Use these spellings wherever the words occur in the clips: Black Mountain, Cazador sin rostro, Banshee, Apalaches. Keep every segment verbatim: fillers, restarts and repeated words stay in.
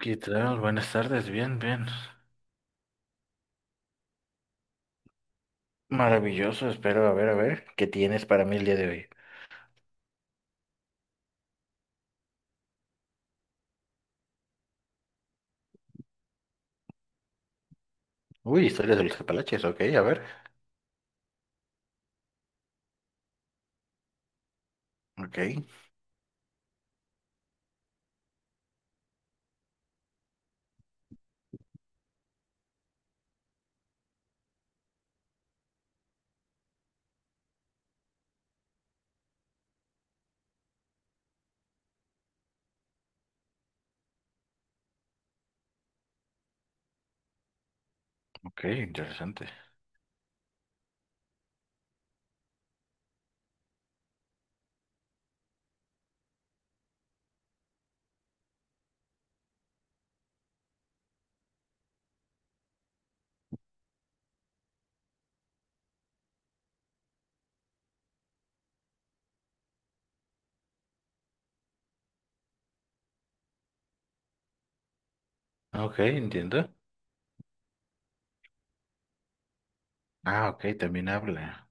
¿Qué tal? Buenas tardes, bien, bien. Maravilloso, espero, a ver, a ver, ¿qué tienes para mí el día de hoy? Uy, historias de los Apalaches, ok, a ver. Ok, ok, interesante. Ok, entiendo. Ah, ok, también habla.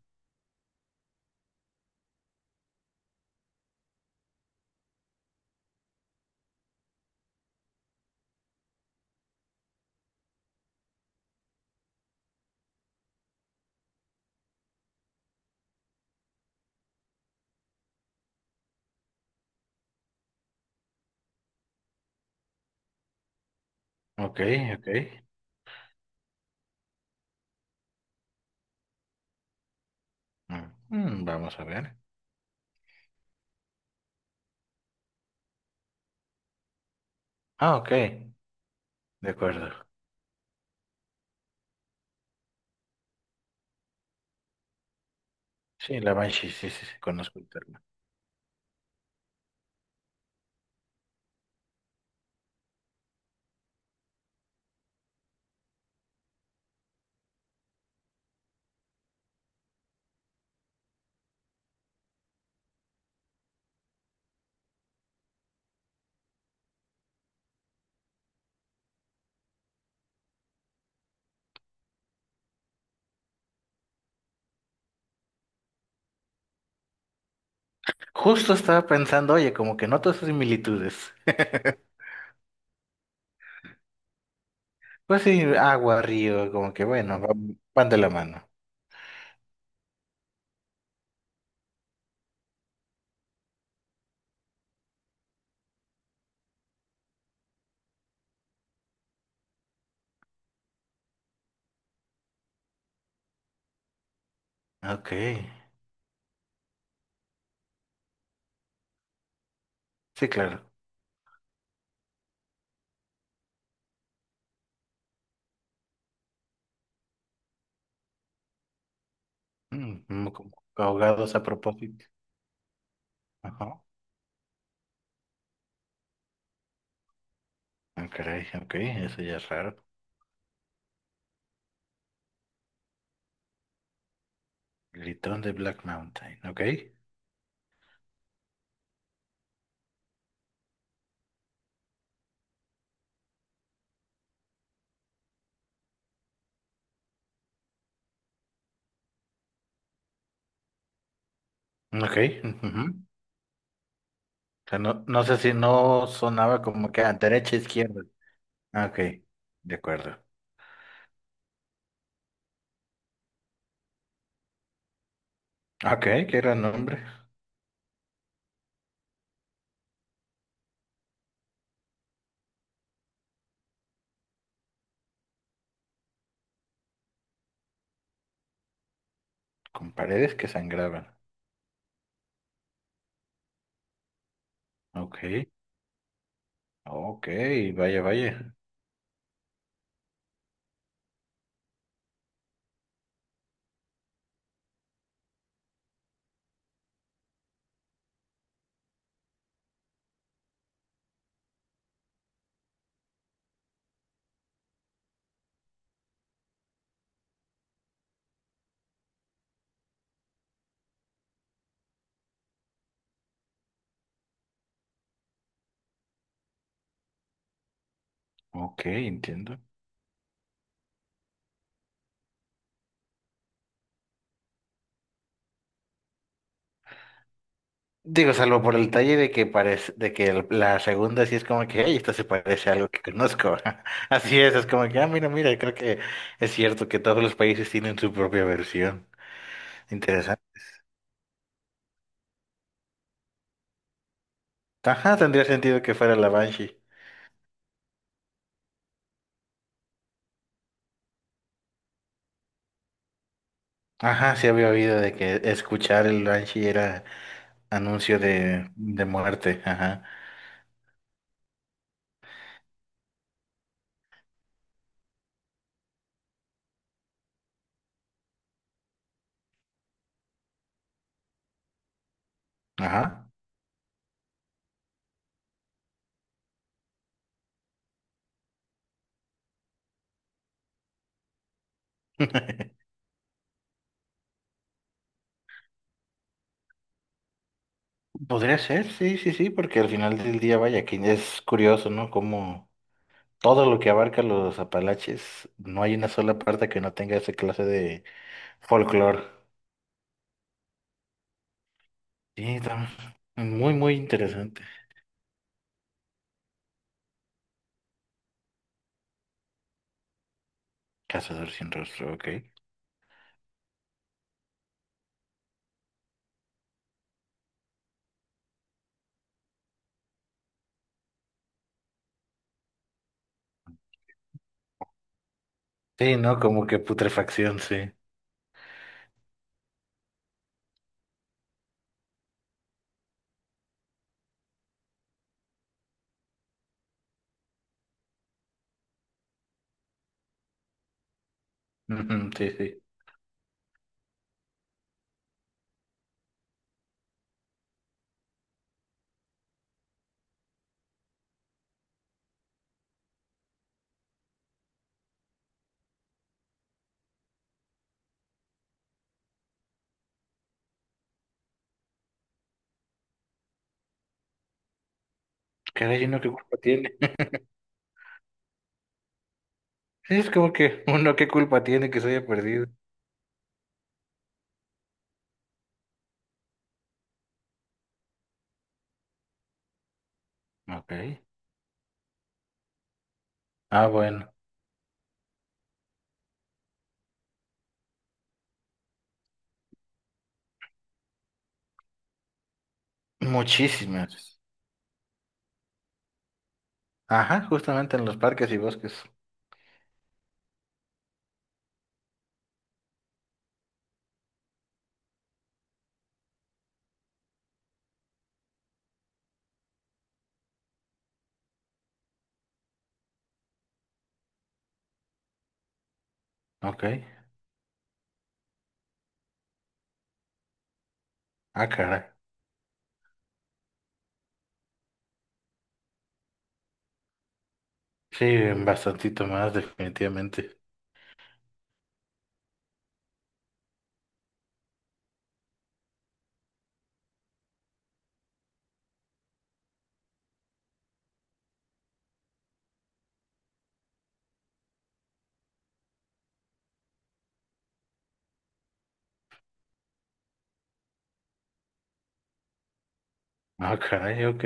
Ok, ok. Mm, mm, vamos a ver. Ah, ok, de acuerdo. Sí, la Banshee, sí, sí, sí, conozco el término. Justo estaba pensando, oye, como que noto esas similitudes. Pues sí, agua, río, como que bueno, van van de la mano. Ok, sí, claro. Mm, mm, como ahogados a propósito. Ajá. Ah, caray, ok, eso ya es raro. Gritón de Black Mountain, ok. Ok. Ujú. O sea, no, no sé si no sonaba como que a derecha, izquierda. Ah, ok, de acuerdo. Ok, qué gran nombre. Con paredes que sangraban. Ok, ok, vaya, vaya. Ok, entiendo. Digo, salvo por el detalle de que parece, de que el- la segunda sí es como que, hey, esto se parece a algo que conozco. Así es, es como que, ah, mira, mira, creo que es cierto que todos los países tienen su propia versión. Interesante. Ajá, tendría sentido que fuera la Banshee. Ajá, sí había oído de que escuchar el Banshee era anuncio de, de muerte. Ajá, ajá. Podría ser, sí, sí, sí, porque al final del día, vaya, que es curioso, ¿no? Cómo. Todo lo que abarca los Apalaches, no hay una sola parte que no tenga esa clase de folclore. Sí, está muy, muy interesante. Cazador sin rostro, ok. Sí, ¿no? Como que putrefacción, sí. Ujú, sí, sí. Caray, ¿uno qué culpa tiene? Sí, es como que uno qué culpa tiene que se haya perdido. Ok. Ah, bueno. Muchísimas. Ajá, justamente en los parques y bosques. Ok. Ah, caray. Sí, bastantito más, definitivamente. Ah, caray, ok.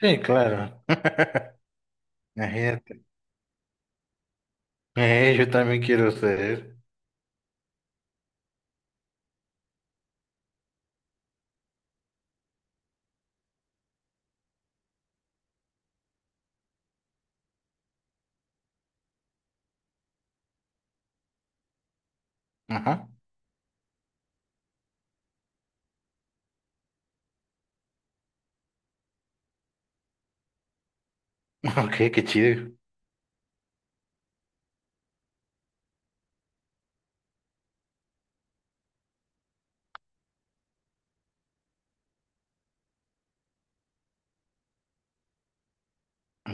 Sí, claro. Imagínate. Eh, yo también quiero ser. Ajá. Ok, qué chido.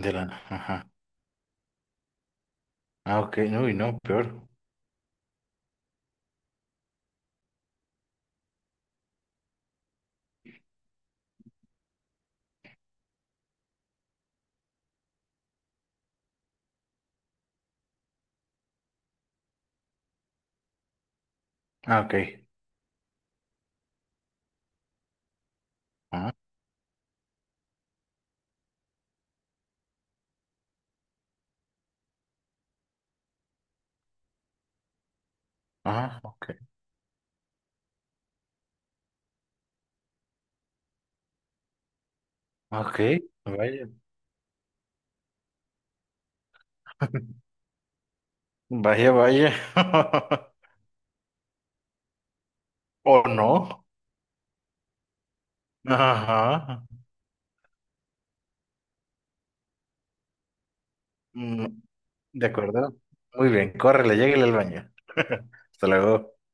De la... Ajá. Ah, ok. Uy, no, peor. Ah, ok. Ajá. Ah, ok. Ok. Vaya. Vaya, vaya. ¿O no? Ajá. Mm, de acuerdo. Muy bien, córrele, lléguele al baño. Hasta luego.